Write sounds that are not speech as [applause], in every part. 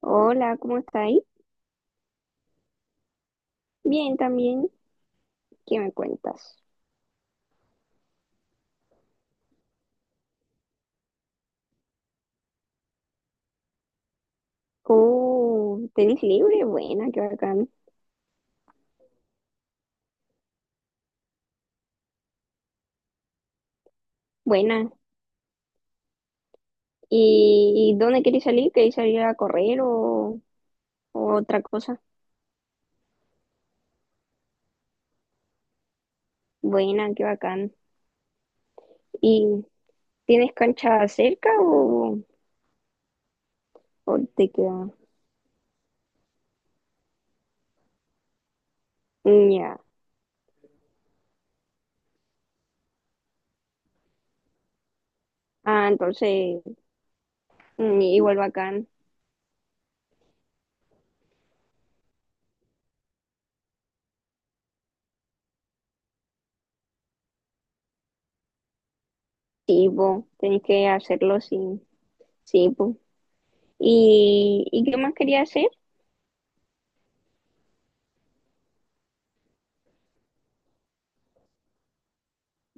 Hola, ¿cómo estáis? Bien, también. ¿Qué me cuentas? Oh, ¿tenés libre? Buena, qué bacán. Buena. ¿Y dónde queréis salir? ¿Queréis salir a correr o otra cosa? Buena, qué bacán. ¿Y tienes cancha cerca o te queda? Mm, ya. Ah, entonces, igual bacán. Sí, po, tenés que hacerlo, sí. Sí, po. ¿Y qué más quería hacer?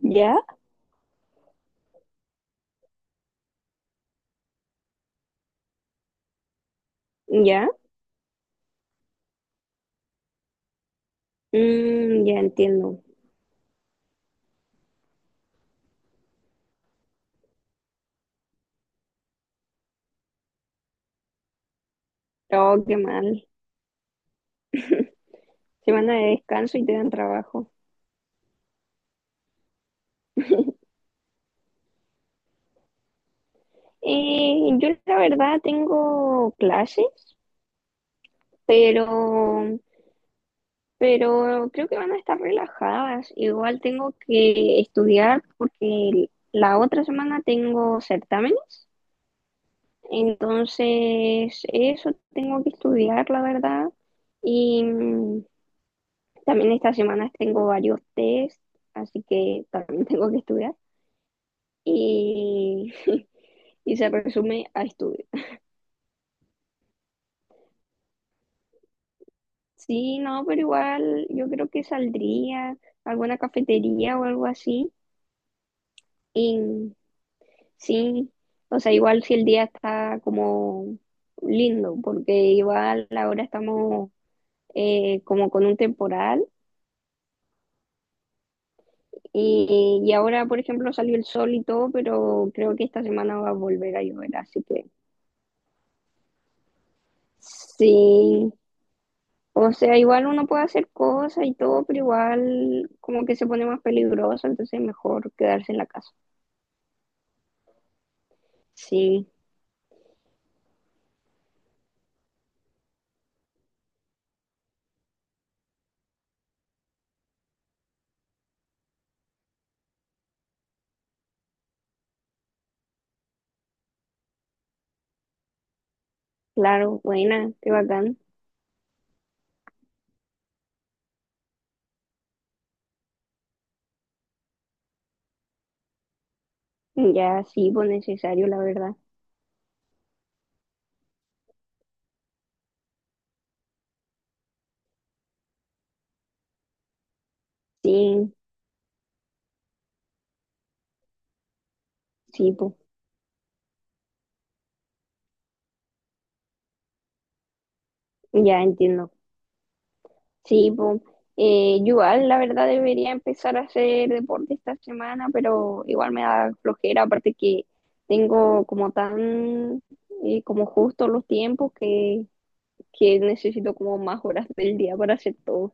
¿Ya? ¿Ya? Mm, ya entiendo. Oh, qué mal. Semana de descanso y te dan trabajo. [laughs] Yo la verdad tengo clases, pero, pero creo que van a estar relajadas. Igual tengo que estudiar porque la otra semana tengo certámenes. Entonces, eso tengo que estudiar, la verdad. Y también estas semanas tengo varios test, así que también [laughs] tengo que estudiar. Y [laughs] y se resume a estudio. Sí, no, pero igual yo creo que saldría a alguna cafetería o algo así. Y sí, o sea, igual si el día está como lindo, porque igual ahora estamos como con un temporal y ahora, por ejemplo, salió el sol y todo, pero creo que esta semana va a volver a llover, así que sí. O sea, igual uno puede hacer cosas y todo, pero igual como que se pone más peligroso, entonces es mejor quedarse en la casa. Sí, claro, buena, qué bacán. Ya, sí, pues necesario, la verdad. Sí, sí, pues, ya entiendo. Sí, pues, yo igual, la verdad, debería empezar a hacer deporte esta semana, pero igual me da flojera, aparte que tengo como tan, como justo los tiempos que necesito como más horas del día para hacer todo.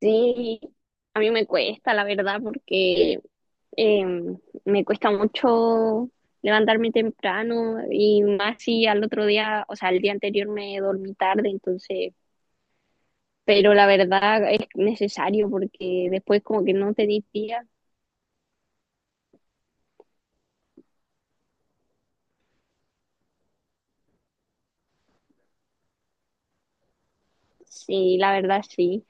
Sí, a mí me cuesta, la verdad, porque eh, me cuesta mucho levantarme temprano y más si al otro día, o sea, el día anterior me dormí tarde, entonces, pero la verdad es necesario porque después como que no te día. Sí, la verdad sí.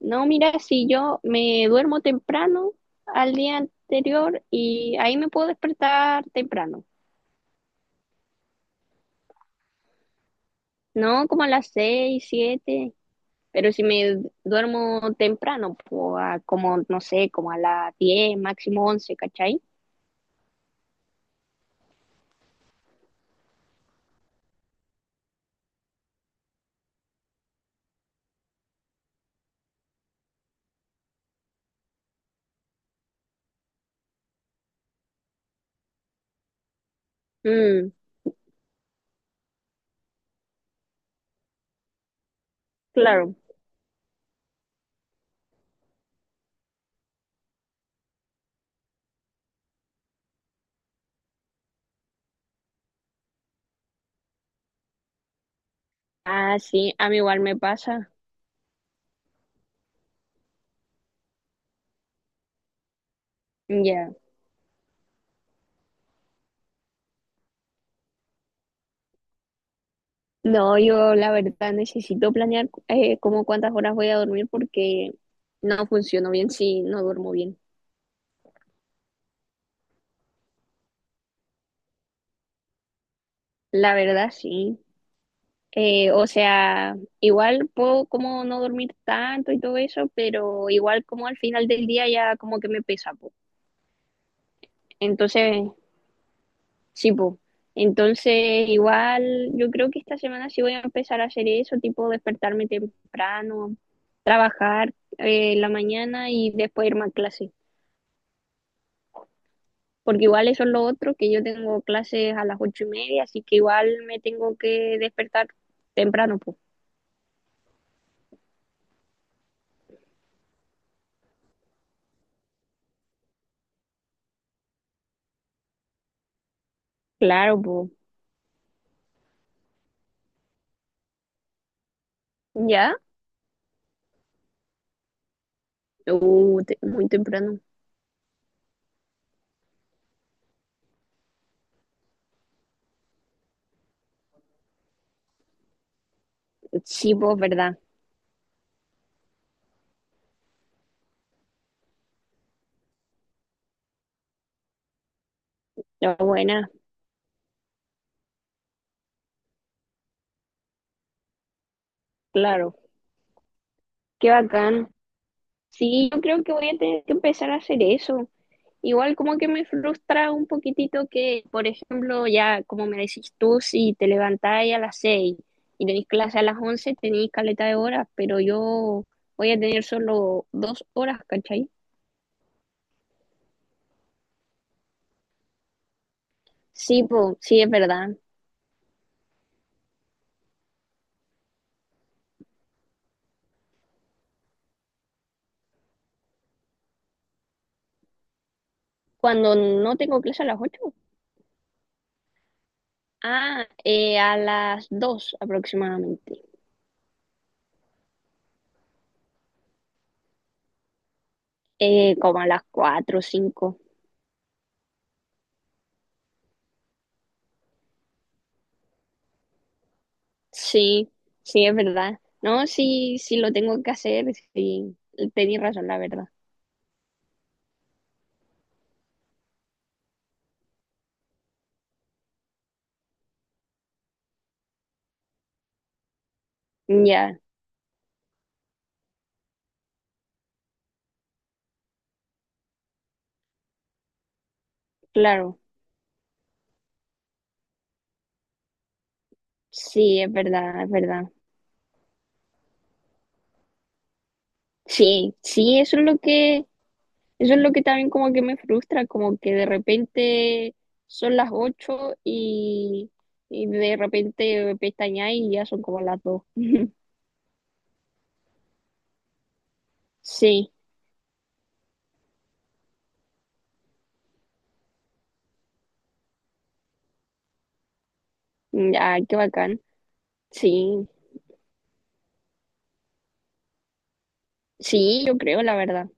No, mira, si yo me duermo temprano al día anterior y ahí me puedo despertar temprano, ¿no? Como a las 6, 7. Pero si me duermo temprano, pues, a como, no sé, como a las 10, máximo 11, ¿cachai? Mm, claro. Ah, sí, a mí igual me pasa. Ya. No, yo la verdad necesito planear como cuántas horas voy a dormir porque no funciono bien si no duermo bien. La verdad, sí. O sea, igual puedo como no dormir tanto y todo eso, pero igual como al final del día ya como que me pesa, po. Entonces, sí, po. Entonces, igual yo creo que esta semana sí voy a empezar a hacer eso, tipo despertarme temprano, trabajar en la mañana y después irme a clase. Porque igual eso es lo otro, que yo tengo clases a las 8:30, así que igual me tengo que despertar temprano, pues. Claro, pues. ¿Ya? Muy temprano. Sí, pues, ¿verdad? La buena, claro. Qué bacán. Sí, yo creo que voy a tener que empezar a hacer eso. Igual como que me frustra un poquitito que, por ejemplo, ya como me decís tú, si te levantáis a las 6 y tenéis clase a las 11, tenéis caleta de horas, pero yo voy a tener solo 2 horas, ¿cachai? Sí, po, sí, es verdad. Cuando no tengo clase a las 8, ah, a las 2 aproximadamente, como a las 4 o 5. Sí, sí, es verdad. No, sí, sí lo tengo que hacer, sí, tenéis razón, la verdad. Ya, claro. Sí, es verdad, es verdad. Sí, sí, eso es lo que también como que me frustra, como que de repente son las 8 y de repente pestañáis y ya son como las 2. [laughs] Sí, ya, qué bacán. Sí, sí, yo creo, la verdad.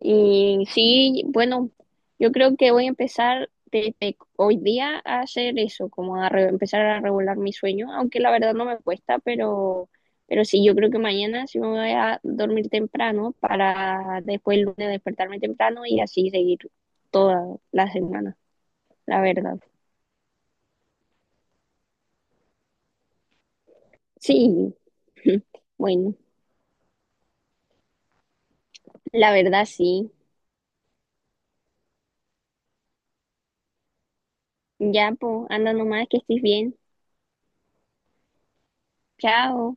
Y sí, bueno, yo creo que voy a empezar desde hoy día a hacer eso, como a empezar a regular mi sueño, aunque la verdad no me cuesta, pero sí, yo creo que mañana sí me voy a dormir temprano para después el lunes despertarme temprano y así seguir toda la semana, la verdad. Sí, [laughs] bueno, la verdad sí. Ya, pues, anda nomás, que estés bien. Chao.